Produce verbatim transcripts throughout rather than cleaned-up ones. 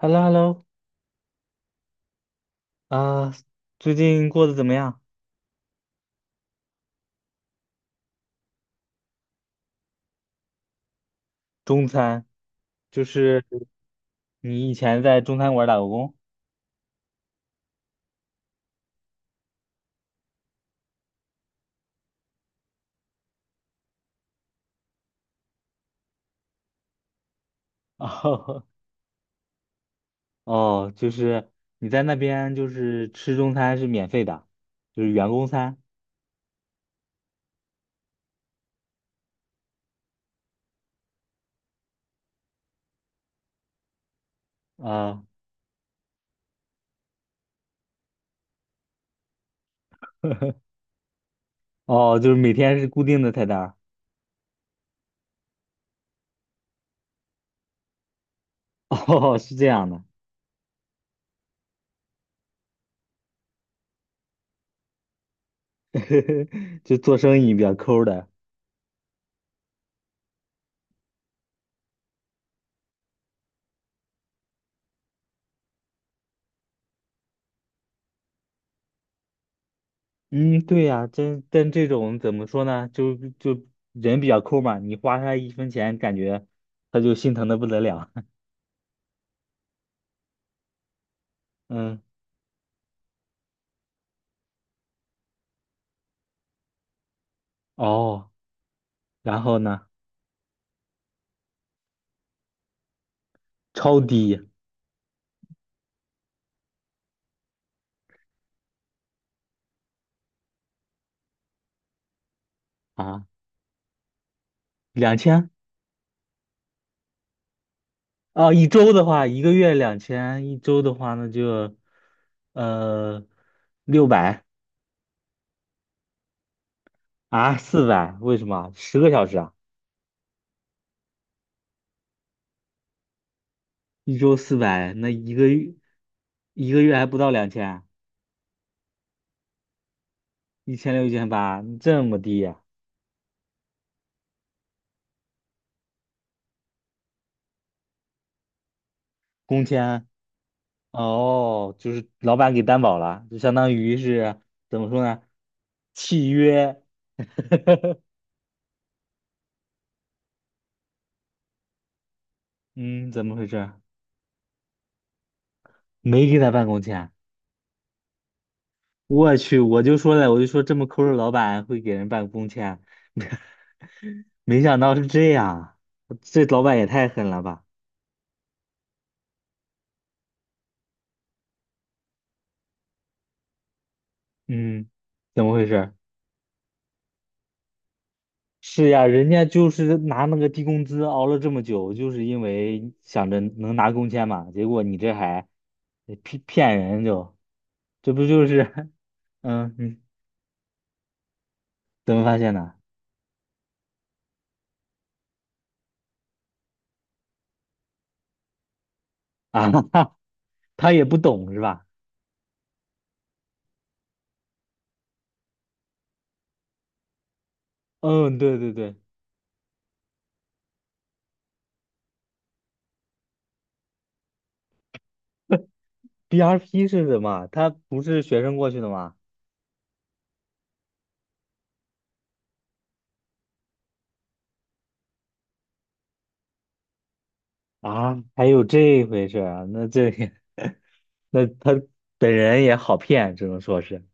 h e l l o h e l l o 啊，最近过得怎么样？中餐，就是你以前在中餐馆打过工？哦，哦，就是你在那边就是吃中餐是免费的，就是员工餐啊，哦，哦就是每天是固定的菜单儿 哦，是这样的，就做生意比较抠的。嗯，对呀，真但这种怎么说呢？就就人比较抠嘛，你花他一分钱，感觉他就心疼的不得了。嗯。哦，然后呢？超低啊，两千啊，一周的话，一个月两千，一周的话那就呃六百啊，四百，为什么？十个小时啊，一周四百，那一个月一个月还不到两千，一千六一千八，这么低呀、工签哦，就是老板给担保了，就相当于是怎么说呢？契约，嗯，怎么回事？没给他办工签。我去，我就说了，我就说这么抠的老板会给人办工签啊，没想到是这样，这老板也太狠了吧？嗯，怎么回事？是呀，人家就是拿那个低工资熬了这么久，就是因为想着能拿工签嘛，结果你这还骗骗人就，这不就是，嗯，你怎么发现的？啊，哈，他也不懂是吧？嗯，对对对，B R P 是什么？他不是学生过去的吗？啊，还有这回事儿啊？那这 那他本人也好骗，只能说是。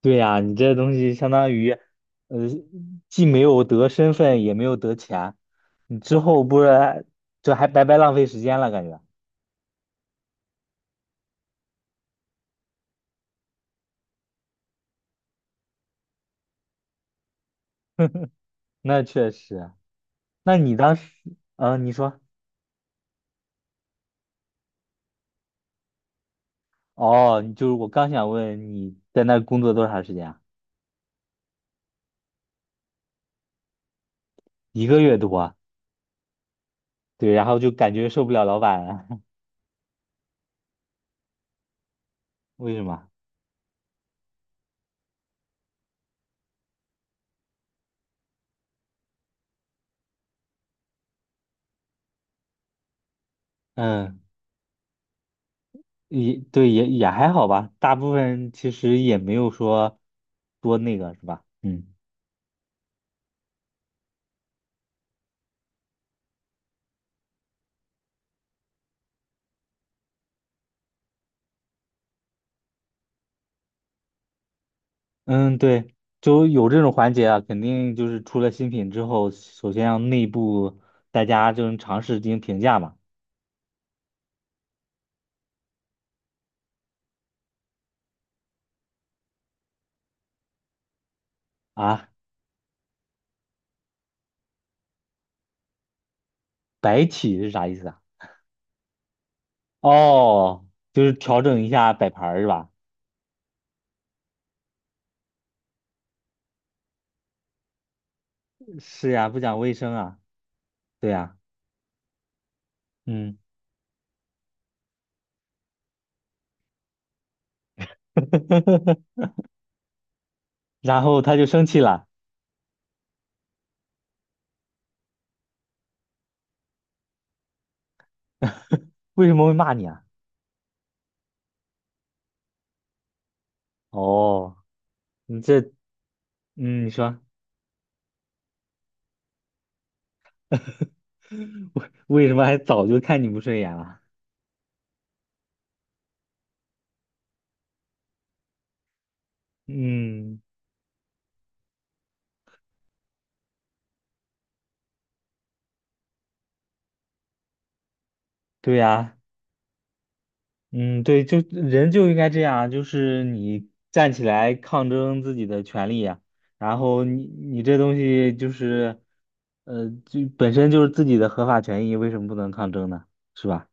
对呀，你这东西相当于，呃，既没有得身份，也没有得钱，你之后不是这还白白浪费时间了，感觉。那确实，那你当时，嗯、你说，哦，你就是我刚想问你在那儿工作多长时间啊？一个月多啊，对，然后就感觉受不了老板了，为什么？嗯。也对，也也还好吧，大部分其实也没有说多那个，是吧？嗯嗯，对，就有这种环节啊，肯定就是出了新品之后，首先让内部大家就是尝试进行评价嘛。啊，摆起是啥意思啊？哦，就是调整一下摆盘儿是吧？是呀，不讲卫生啊，对呀，嗯，然后他就生气了，为什么会骂你啊？哦，你这，嗯，你说。为为什么还早就看你不顺眼了？嗯，对呀，嗯，对，就人就应该这样啊，就是你站起来抗争自己的权利呀，然后你你这东西就是，呃，就本身就是自己的合法权益，为什么不能抗争呢？是吧？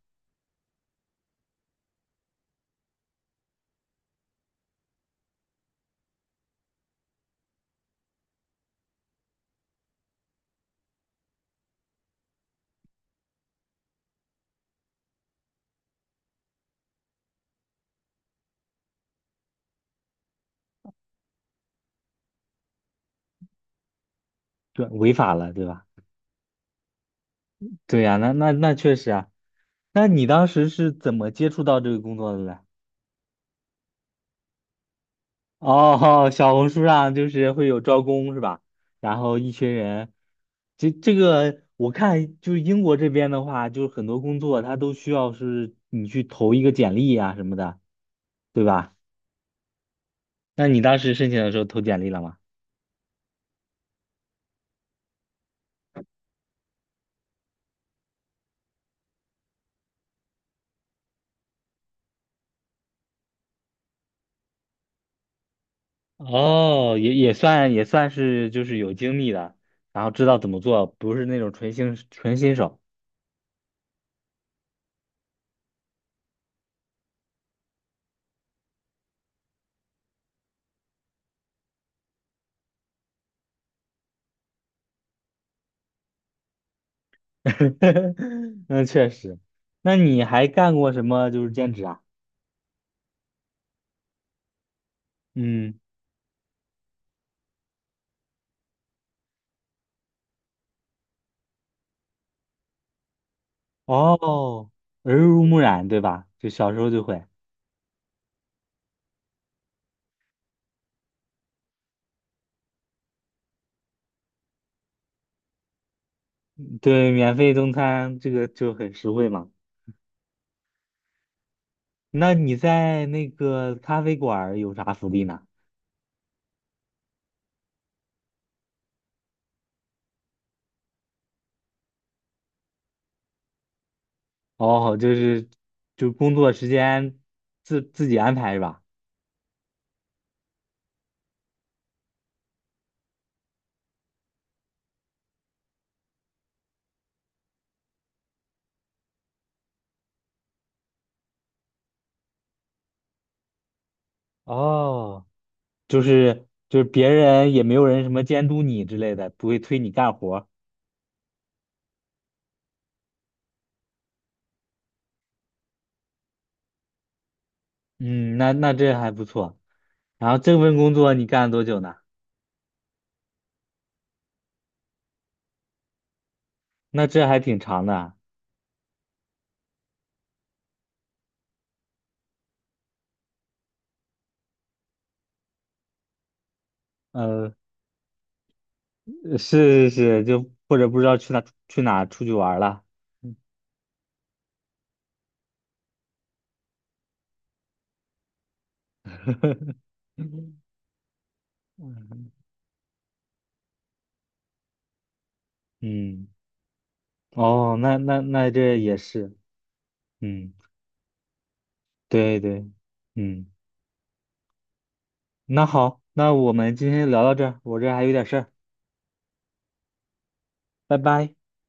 对，违法了，对吧？对呀，那那那确实啊，那你当时是怎么接触到这个工作的嘞？哦，小红书上就是会有招工是吧？然后一群人，这这个我看就是英国这边的话，就是很多工作它都需要是你去投一个简历呀、什么的，对吧？那你当时申请的时候投简历了吗？哦，也也算也算是就是有经历的，然后知道怎么做，不是那种纯新纯新手。那确实，那你还干过什么就是兼职啊？嗯。哦，耳濡目染，对吧？就小时候就会，对，免费中餐这个就很实惠嘛。那你在那个咖啡馆儿有啥福利呢？哦，就是就工作时间自自己安排是吧？哦，就是就是别人也没有人什么监督你之类的，不会催你干活儿嗯，那那这还不错。然后这份工作你干了多久呢？那这还挺长的啊。呃是是是，就或者不知道去哪去哪出去玩儿了。嗯嗯，哦，那那那这也是，嗯，对对，嗯，那好，那我们今天聊到这儿，我这儿还有点事儿，拜拜。